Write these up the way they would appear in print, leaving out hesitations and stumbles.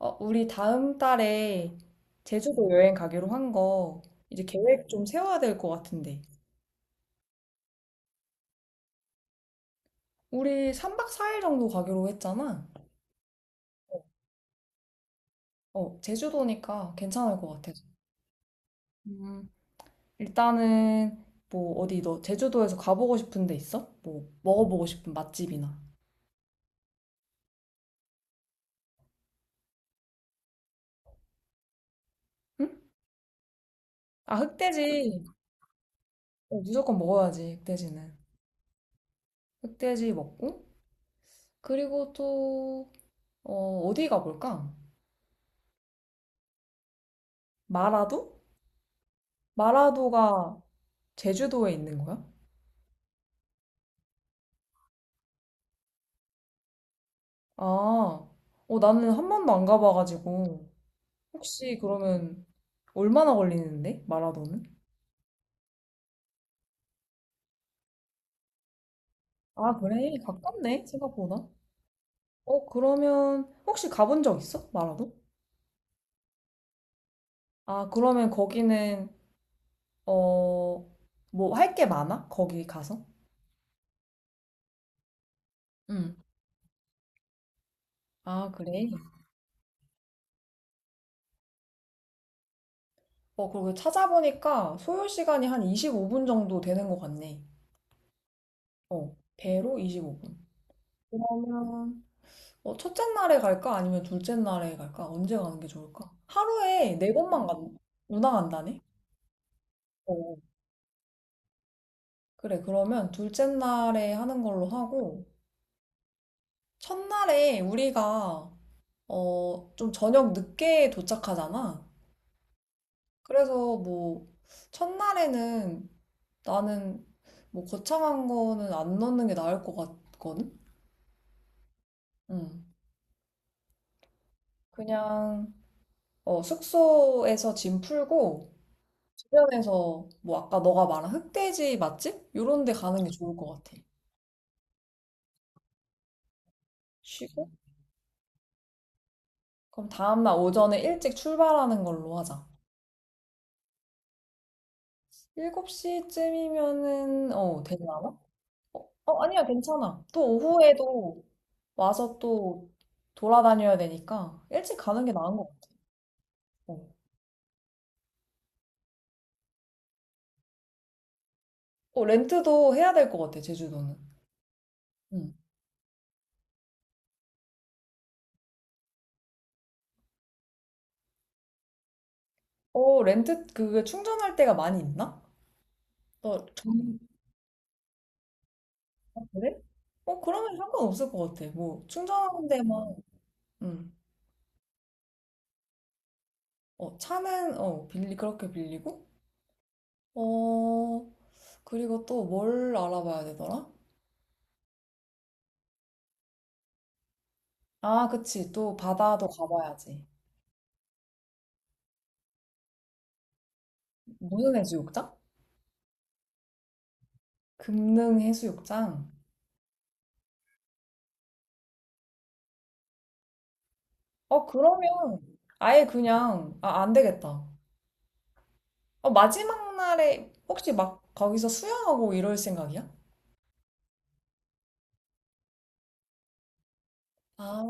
우리 다음 달에 제주도 여행 가기로 한 거, 이제 계획 좀 세워야 될 것 같은데. 우리 3박 4일 정도 가기로 했잖아. 제주도니까 괜찮을 것 같아서. 음, 일단은, 뭐, 어디 너 제주도에서 가보고 싶은 데 있어? 뭐, 먹어보고 싶은 맛집이나. 응? 아, 흑돼지. 무조건 먹어야지, 흑돼지는. 흑돼지 먹고. 그리고 또, 어디 가볼까? 마라도? 마라도가 제주도에 있는 거야? 아, 나는 한 번도 안 가봐가지고. 혹시 그러면 얼마나 걸리는데? 마라도는? 아, 그래. 가깝네, 생각보다. 그러면 혹시 가본 적 있어? 마라도? 아, 그러면 거기는, 어, 뭐 할 게 많아? 거기 가서? 응. 아, 그래. 그리고 찾아보니까 소요 시간이 한 25분 정도 되는 것 같네. 배로 25분. 그러면 첫째 날에 갈까? 아니면 둘째 날에 갈까? 언제 가는 게 좋을까? 하루에 네 번만 운항한다네? 어. 그래, 그러면 둘째 날에 하는 걸로 하고, 첫날에 우리가, 좀 저녁 늦게 도착하잖아. 그래서 뭐, 첫날에는 나는 뭐 거창한 거는 안 넣는 게 나을 것 같거든? 응. 그냥, 숙소에서 짐 풀고, 주변에서 뭐 아까 너가 말한 흑돼지 맛집? 요런 데 가는 게 좋을 것 같아. 쉬고? 그럼 다음날 오전에 일찍 출발하는 걸로 하자. 7시쯤이면은 되려나? 아니야, 괜찮아. 또 오후에도 와서 또 돌아다녀야 되니까 일찍 가는 게 나은 것 같아. 어, 렌트도 해야 될 것 같아, 제주도는. 응. 렌트 그게 충전할 데가 많이 있나? 너 전... 그래? 그러면 상관없을 것 같아. 뭐 충전하는 데만. 응. 차는, 그렇게 빌리고, 어, 그리고 또 뭘 알아봐야 되더라? 아, 그치. 또 바다도 가봐야지. 무슨 해수욕장? 금능 해수욕장. 그러면 아예 그냥, 아, 안 되겠다. 마지막 날에 혹시 막 거기서 수영하고 이럴 생각이야? 아,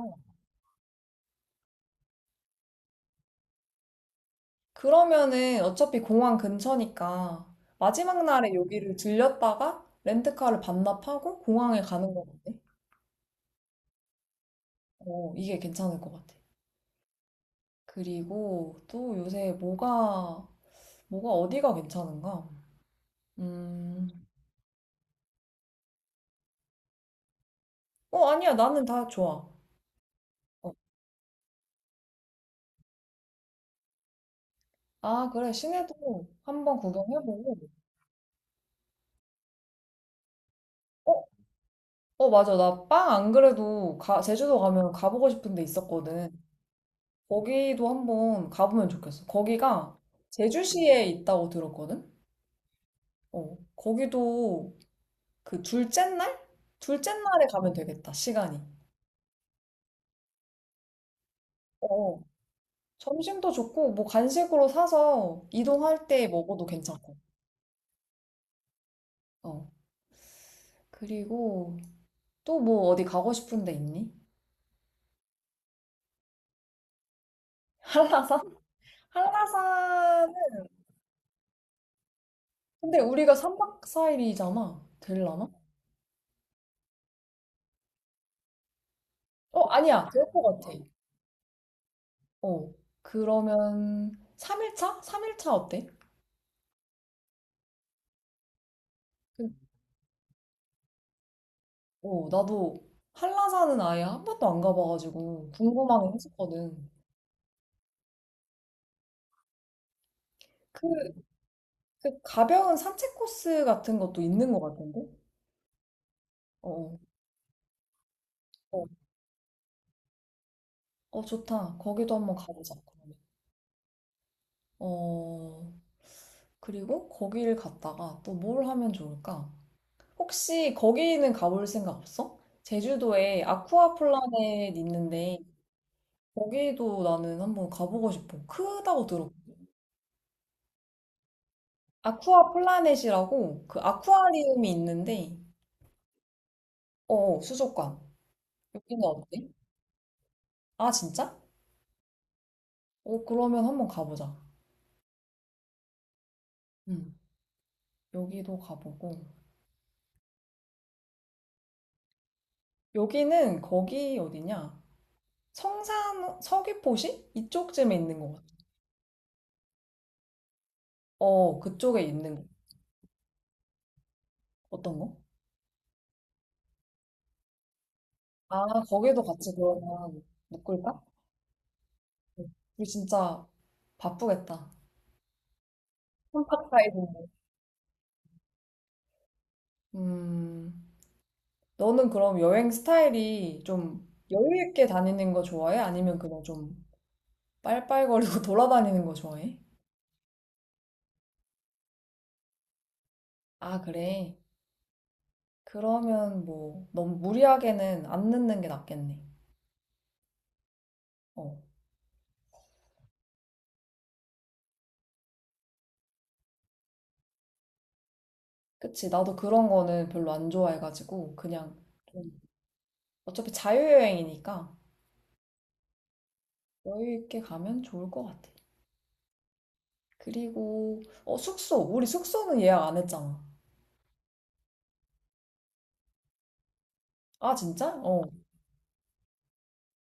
그러면은 어차피 공항 근처니까 마지막 날에 여기를 들렸다가 렌트카를 반납하고 공항에 가는 거 같네. 이게 괜찮을 것 같아. 그리고 또 요새 뭐가 어디가 괜찮은가? 음, 아니야. 나는 다 좋아. 어. 아, 그래. 시내도 한번 구경해보고. 어, 맞아. 나 빵 안 그래도 제주도 가면 가보고 싶은 데 있었거든. 거기도 한번 가보면 좋겠어. 거기가 제주시에 있다고 들었거든? 거기도 그 둘째 날? 둘째 날에 가면 되겠다. 시간이. 어. 어. 점심도 좋고, 뭐 간식으로 사서 이동할 때 먹어도 괜찮고. 어. 그리고 또 뭐 어디 가고 싶은 데 있니? 한라산? 한라산은 근데 우리가 3박 4일이잖아. 될라나? 아니야. 될 것 같아. 어. 그러면 3일차? 3일차 어때? 그- 나도 한라산은 아예 한 번도 안 가봐가지고 궁금하긴 했었거든. 그, 그 가벼운 산책 코스 같은 것도 있는 것 같은데? 어. 어. 좋다. 거기도 한번 가보자, 그러면. 어, 그리고 거기를 갔다가 또 뭘 하면 좋을까? 혹시 거기는 가볼 생각 없어? 제주도에 아쿠아 플라넷 있는데, 거기도 나는 한번 가보고 싶어. 크다고 들어. 아쿠아 플라넷이라고 그 아쿠아리움이 있는데, 수족관. 여기는 어때? 아, 진짜? 그러면 한번 가보자. 응, 여기도 가보고. 여기는 거기 어디냐? 성산, 서귀포시? 이쪽쯤에 있는 것 같아. 그쪽에 있는 거. 어떤 거? 아, 거기도 같이 그러면 묶을까? 우리 진짜 바쁘겠다. 컴팍 타이즈인데 음, 너는 그럼 여행 스타일이 좀 여유 있게 다니는 거 좋아해? 아니면 그냥 좀 빨빨거리고 돌아다니는 거 좋아해? 아, 그래. 그러면 뭐 너무 무리하게는 안 늦는 게 낫겠네. 어, 그치. 나도 그런 거는 별로 안 좋아해가지고 그냥 어차피 자유여행이니까 여유 있게 가면 좋을 것 같아. 그리고 어 숙소 우리 숙소는 예약 안 했잖아. 아 진짜? 어.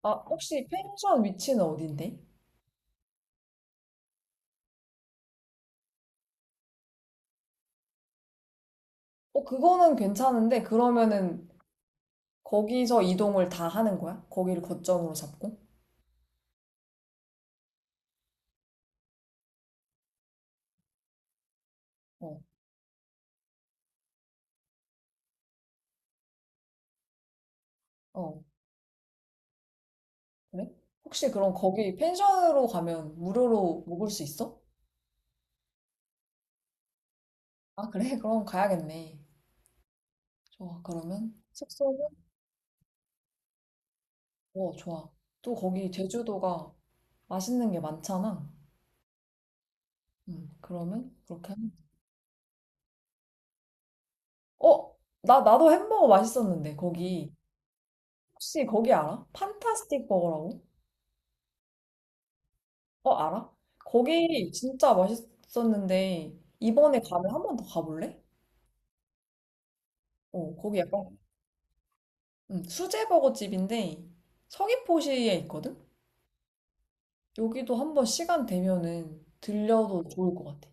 아 혹시 펜션 위치는 어딘데? 그거는 괜찮은데 그러면은 거기서 이동을 다 하는 거야? 거기를 거점으로 잡고? 어. 어. 그래? 혹시 그럼 거기 펜션으로 가면 무료로 묵을 수 있어? 아 그래? 그럼 가야겠네. 좋아. 그러면 숙소는 좋아. 또 거기 제주도가 맛있는 게 많잖아. 그러면 그렇게 하면 돼. 어? 나도 햄버거 맛있었는데 거기 혹시 거기 알아? 판타스틱 버거라고? 알아? 거기 진짜 맛있었는데 이번에 가면 한 번 더 가볼래? 거기 약간 수제 버거 집인데 서귀포시에 있거든? 여기도 한번 시간 되면은 들려도 좋을 것 같아.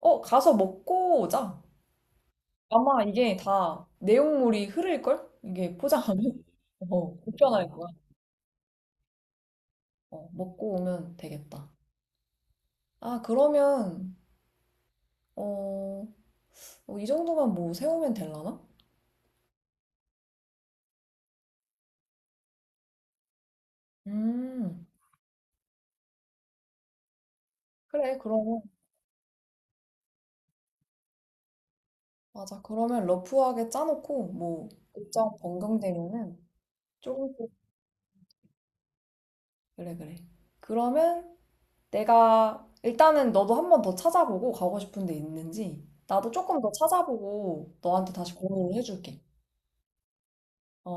가서 먹고 오자. 아마 이게 다 내용물이 흐를걸? 이게 포장하면? 불편할 거야. 먹고 오면 되겠다. 아, 그러면, 어, 이 정도만 뭐 세우면 되려나? 음, 그래, 그러면. 맞아. 그러면 러프하게 짜놓고, 뭐, 일정 변경되면은 조금씩. 그래, 그래. 그러면 내가, 일단은 너도 한 번 더 찾아보고, 가고 싶은 데 있는지, 나도 조금 더 찾아보고, 너한테 다시 공유를 해줄게. 어?